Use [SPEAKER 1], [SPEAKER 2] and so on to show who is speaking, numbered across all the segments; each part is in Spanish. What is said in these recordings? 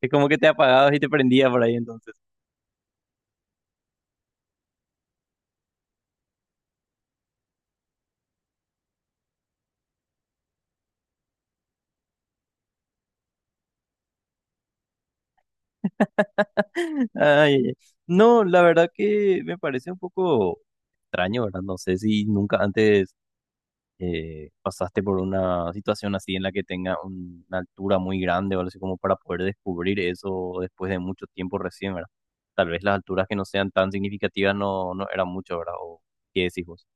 [SPEAKER 1] Es como que te apagabas y te prendía por ahí entonces. Ay, ay, ay. No, la verdad que me parece un poco extraño, ¿verdad? No sé si nunca antes pasaste por una situación así en la que tenga una altura muy grande o algo así como para poder descubrir eso después de mucho tiempo recién, ¿verdad? Tal vez las alturas que no sean tan significativas no, no eran mucho, ¿verdad? ¿O qué decís vos?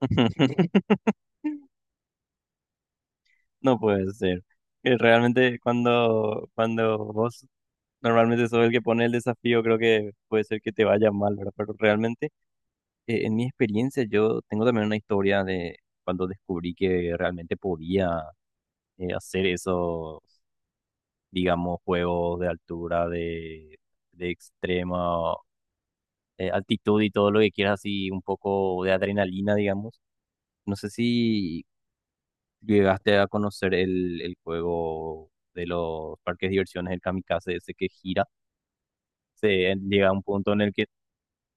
[SPEAKER 1] No puede ser. Que realmente cuando, cuando vos Normalmente soy el que pone el desafío, creo que puede ser que te vaya mal, ¿verdad? Pero realmente, en mi experiencia, yo tengo también una historia de cuando descubrí que realmente podía hacer esos, digamos, juegos de altura, de extrema altitud y todo lo que quieras, así un poco de adrenalina, digamos. No sé si llegaste a conocer el juego de los parques de diversiones, el Kamikaze, ese que gira. Se llega a un punto en el que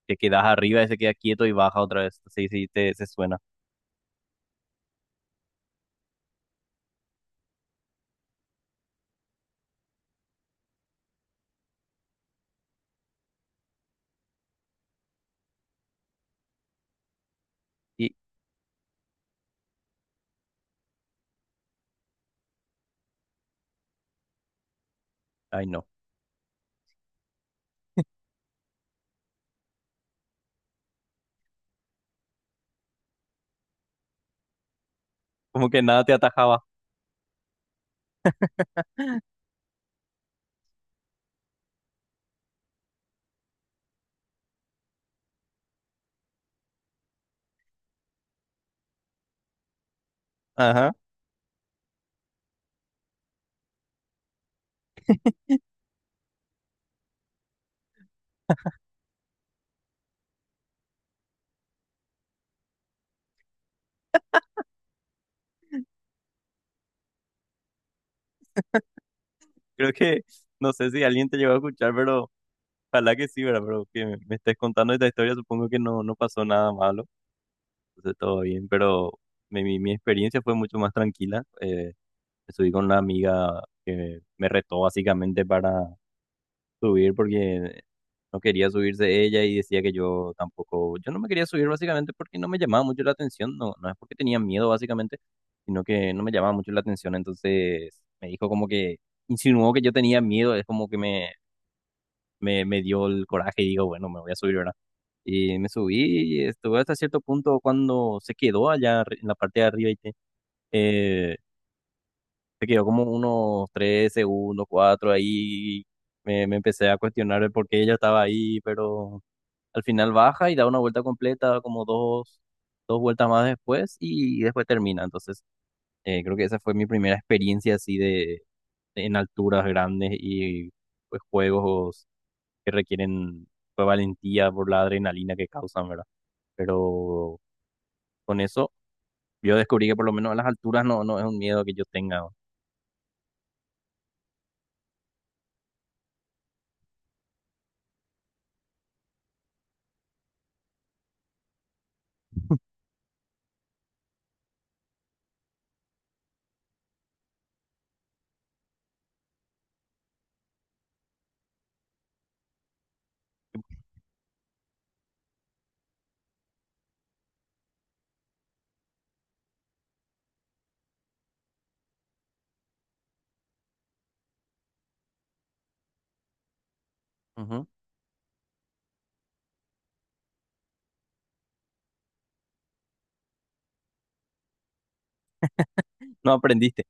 [SPEAKER 1] te quedas arriba y se queda quieto y baja otra vez. Sí, sí, se suena. Y, Ay, no. Como que nada te atajaba. Ajá. Creo que, no sé si alguien te llegó a escuchar, pero ojalá que sí, ¿verdad? Pero que me estés contando esta historia, supongo que no, no pasó nada malo. Entonces, todo bien, pero mi experiencia fue mucho más tranquila. Me subí con una amiga que me retó básicamente para subir porque no quería subirse ella y decía que yo tampoco, yo no me quería subir básicamente porque no me llamaba mucho la atención, no, no es porque tenía miedo básicamente, sino que no me llamaba mucho la atención, entonces me dijo como que insinuó que yo tenía miedo, es como que me dio el coraje y digo, bueno, me voy a subir, ¿verdad? Y me subí y estuve hasta cierto punto cuando se quedó en la parte de arriba y se quedó como unos 3 segundos, cuatro, ahí me empecé a cuestionar el por qué ella estaba ahí, pero al final baja y da una vuelta completa, como dos vueltas más después y después termina. Entonces, creo que esa fue mi primera experiencia así de, en alturas grandes y pues juegos que requieren pues, valentía por la adrenalina que causan, ¿verdad? Pero con eso yo descubrí que por lo menos a las alturas no, no es un miedo que yo tenga. Ujú. No aprendiste.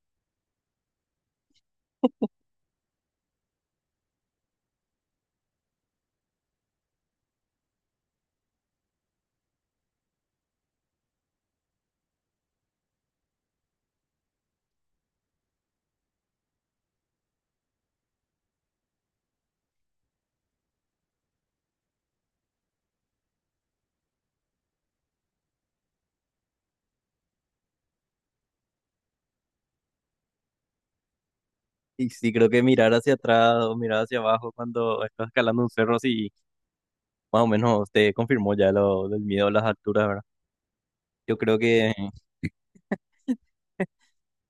[SPEAKER 1] Y sí, creo que mirar hacia atrás o mirar hacia abajo cuando estás escalando un cerro, sí, más o menos te confirmó ya lo del miedo a las alturas, ¿verdad? Yo creo que,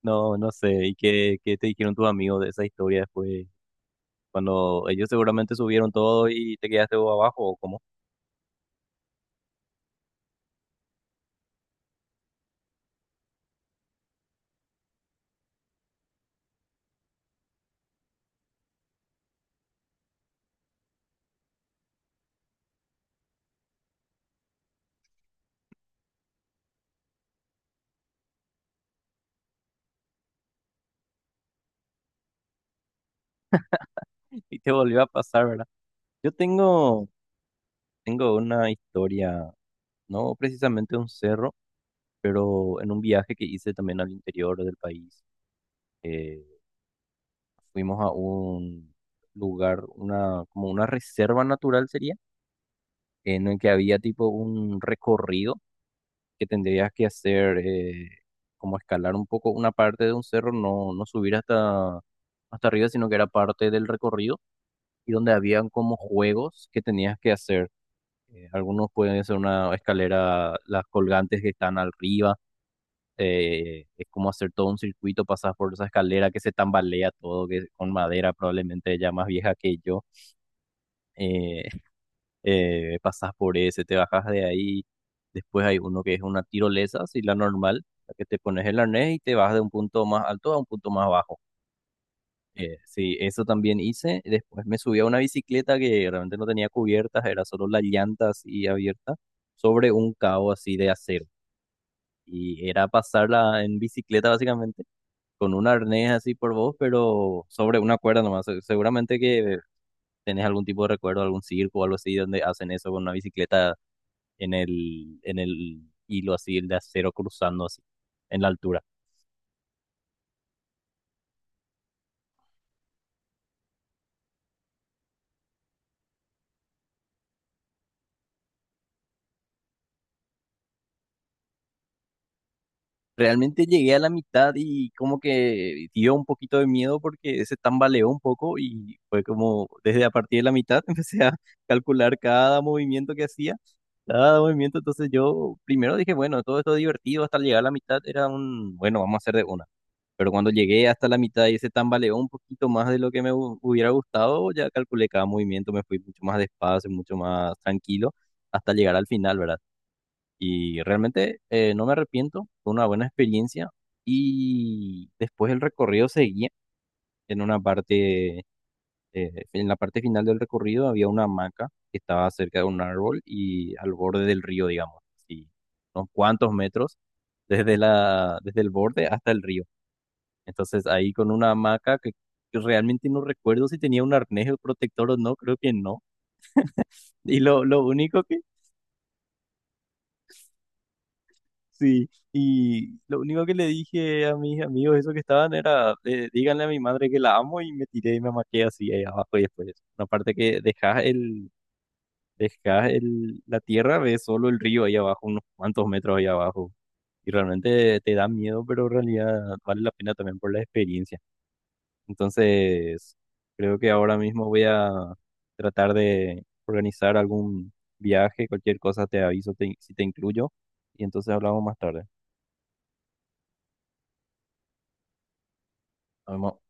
[SPEAKER 1] no, no sé, ¿y qué te dijeron tus amigos de esa historia después? Cuando ellos seguramente subieron todo y te quedaste vos abajo, ¿o cómo? Y te volvió a pasar, ¿verdad? Yo tengo una historia, no precisamente un cerro, pero en un viaje que hice también al interior del país. eh, Fuimos a un lugar, como una reserva natural sería, en el que había tipo un recorrido que tendrías que hacer, como escalar un poco una parte de un cerro, no, no subir hasta arriba, sino que era parte del recorrido, y donde habían como juegos que tenías que hacer. Algunos pueden hacer una escalera, las colgantes que están arriba. Es como hacer todo un circuito, pasas por esa escalera que se tambalea todo, que con madera probablemente ya más vieja que yo. eh, pasas por ese, te bajas de ahí, después hay uno que es una tirolesa, así la normal, la que te pones el arnés y te vas de un punto más alto a un punto más bajo. Sí, eso también hice, después me subí a una bicicleta que realmente no tenía cubiertas, era solo las llantas y abierta, sobre un cabo así de acero. Y era pasarla en bicicleta básicamente, con un arnés así por vos, pero sobre una cuerda nomás. Seguramente que tenés algún tipo de recuerdo, algún circo o algo así donde hacen eso con una bicicleta en el hilo así, el de acero cruzando así, en la altura. Realmente llegué a la mitad y como que dio un poquito de miedo porque se tambaleó un poco y fue como desde a partir de la mitad empecé a calcular cada movimiento que hacía, cada movimiento. Entonces yo primero dije, bueno, todo esto divertido hasta llegar a la mitad era bueno, vamos a hacer de uno. Pero cuando llegué hasta la mitad y se tambaleó un poquito más de lo que me hubiera gustado, ya calculé cada movimiento, me fui mucho más despacio, mucho más tranquilo, hasta llegar al final, ¿verdad? Y realmente no me arrepiento, fue una buena experiencia. Y después el recorrido seguía en una parte, en la parte final del recorrido había una hamaca que estaba cerca de un árbol y al borde del río, digamos, y unos cuantos metros desde el borde hasta el río. Entonces ahí con una hamaca que realmente no recuerdo si tenía un arnés o protector o no, creo que no. Y lo único que, sí, y lo único que le dije a mis amigos, esos que estaban, era, díganle a mi madre que la amo y me tiré y me amaqué así ahí abajo y después. Una parte que dejás la tierra, ves solo el río ahí abajo, unos cuantos metros ahí abajo. Y realmente te da miedo, pero en realidad vale la pena también por la experiencia. Entonces, creo que ahora mismo voy a tratar de organizar algún viaje, cualquier cosa te aviso si te incluyo y entonces hablamos más tarde. Nos vemos.